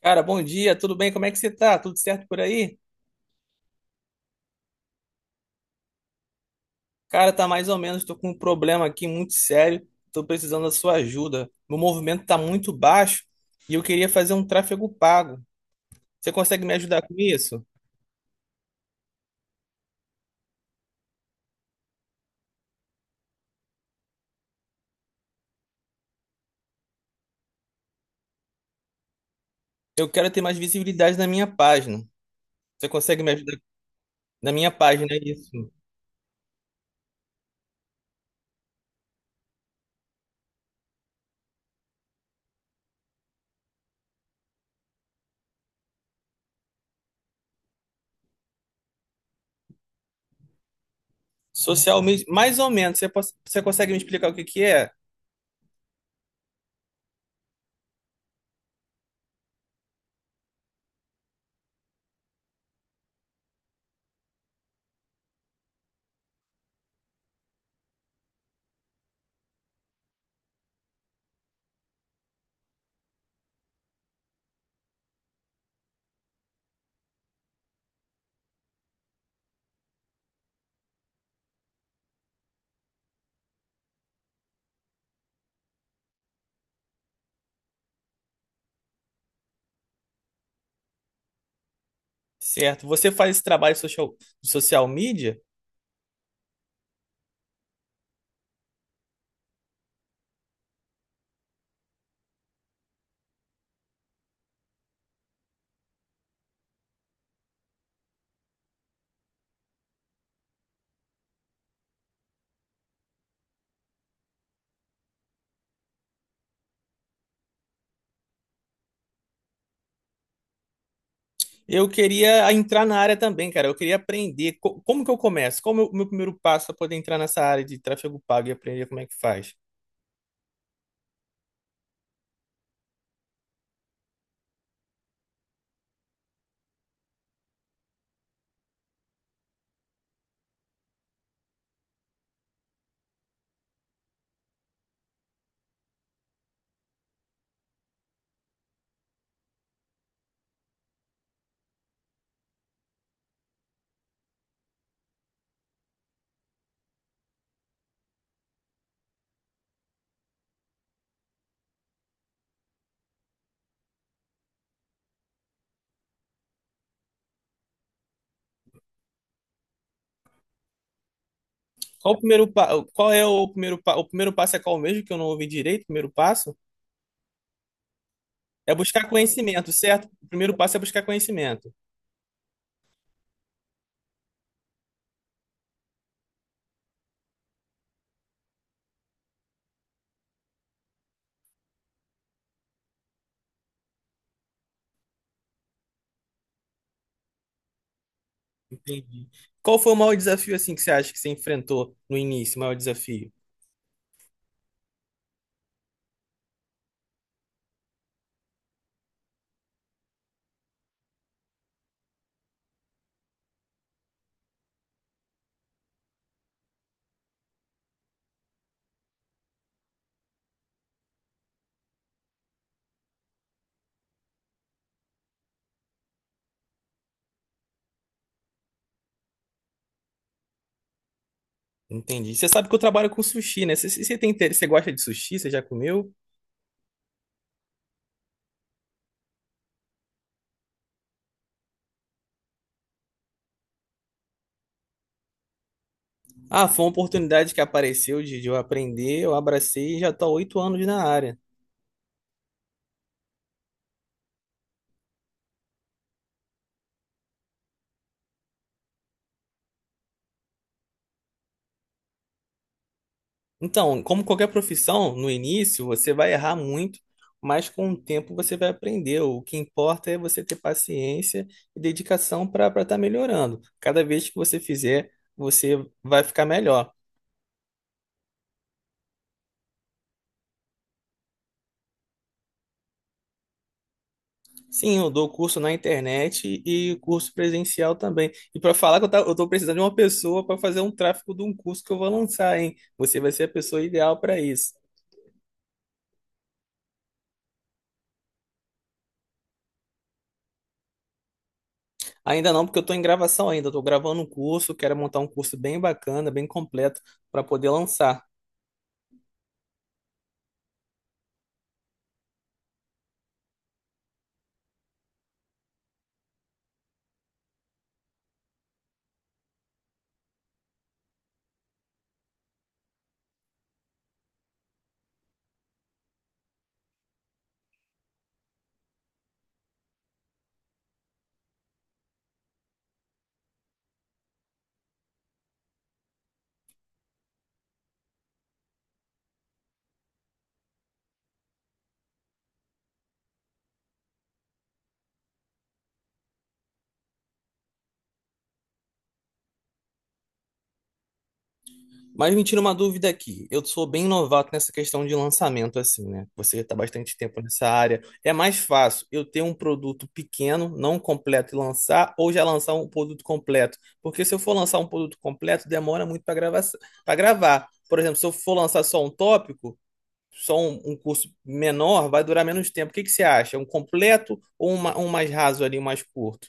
Cara, bom dia, tudo bem? Como é que você tá? Tudo certo por aí? Cara, tá mais ou menos, tô com um problema aqui muito sério, tô precisando da sua ajuda. Meu movimento tá muito baixo e eu queria fazer um tráfego pago. Você consegue me ajudar com isso? Eu quero ter mais visibilidade na minha página. Você consegue me ajudar na minha página, é isso? Social media, mais ou menos, você, você consegue me explicar o que que é? Certo, você faz esse trabalho social, de social media? Eu queria entrar na área também, cara. Eu queria aprender como que eu começo? Qual o meu primeiro passo para poder entrar nessa área de tráfego pago e aprender como é que faz? Qual o primeiro pa... Qual é o primeiro pa... O primeiro passo é qual mesmo que eu não ouvi direito? O primeiro passo é buscar conhecimento, certo? O primeiro passo é buscar conhecimento. Entendi. Qual foi o maior desafio assim que você acha que você enfrentou no início? O maior desafio? Entendi. Você sabe que eu trabalho com sushi, né? Você tem interesse, você gosta de sushi? Você já comeu? Ah, foi uma oportunidade que apareceu de eu aprender, eu abracei e já estou há 8 anos na área. Então, como qualquer profissão, no início você vai errar muito, mas com o tempo você vai aprender. O que importa é você ter paciência e dedicação para estar melhorando. Cada vez que você fizer, você vai ficar melhor. Sim, eu dou curso na internet e curso presencial também. E para falar que eu estou precisando de uma pessoa para fazer um tráfego de um curso que eu vou lançar, hein? Você vai ser a pessoa ideal para isso. Ainda não, porque eu estou em gravação ainda. Estou gravando um curso, quero montar um curso bem bacana, bem completo, para poder lançar. Mas me tira uma dúvida aqui. Eu sou bem novato nessa questão de lançamento, assim, né? Você está bastante tempo nessa área. É mais fácil eu ter um produto pequeno, não completo, e lançar, ou já lançar um produto completo? Porque se eu for lançar um produto completo, demora muito para gravar, Por exemplo, se eu for lançar só um tópico, só um curso menor vai durar menos tempo. O que que você acha? Um completo ou um mais raso ali, um mais curto?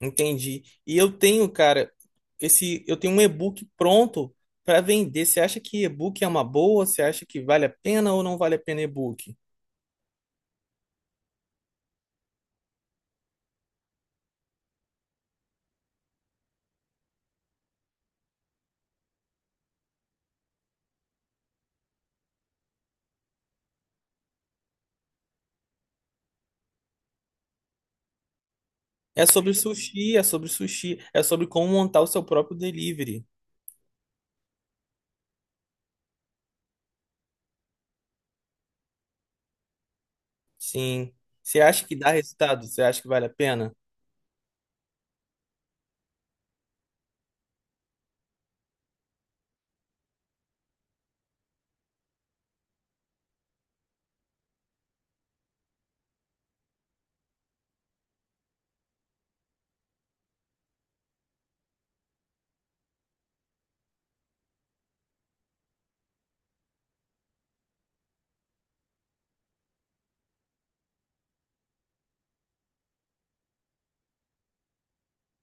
Entendi. E eu tenho, cara, eu tenho um e-book pronto para vender. Você acha que e-book é uma boa? Você acha que vale a pena ou não vale a pena e-book? É sobre sushi, é sobre sushi, é sobre como montar o seu próprio delivery. Sim. Você acha que dá resultado? Você acha que vale a pena?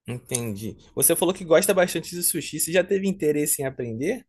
Entendi. Você falou que gosta bastante de sushi. Você já teve interesse em aprender?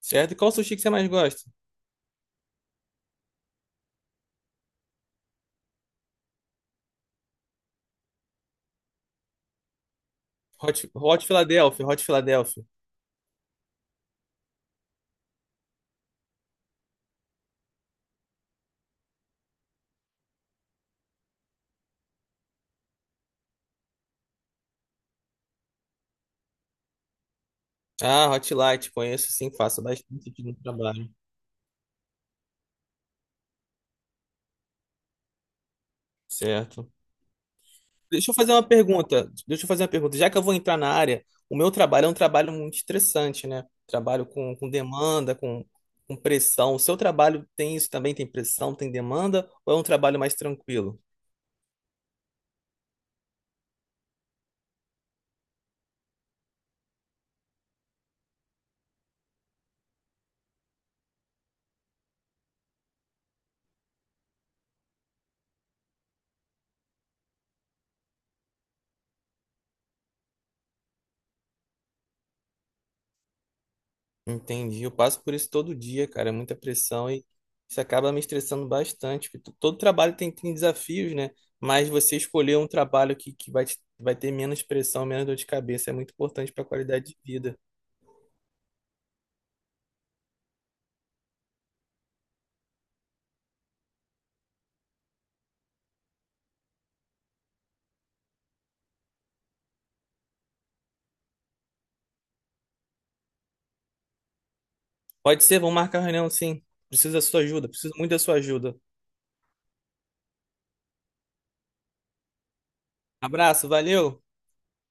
Certo? E qual sushi que você mais gosta? Hot Philadelphia, Hot Philadelphia. Ah, Hot Light, conheço sim, faço bastante aqui no trabalho. Certo. Deixa eu fazer uma pergunta. Deixa eu fazer uma pergunta. Já que eu vou entrar na área, o meu trabalho é um trabalho muito estressante, né? Trabalho com demanda, com pressão. O seu trabalho tem isso também? Tem pressão, tem demanda? Ou é um trabalho mais tranquilo? Entendi. Eu passo por isso todo dia, cara. É muita pressão e isso acaba me estressando bastante. Porque todo trabalho tem, tem desafios, né? Mas você escolher um trabalho que vai ter menos pressão, menos dor de cabeça, é muito importante para a qualidade de vida. Pode ser, vamos marcar a reunião, sim. Preciso da sua ajuda, preciso muito da sua ajuda. Abraço, valeu!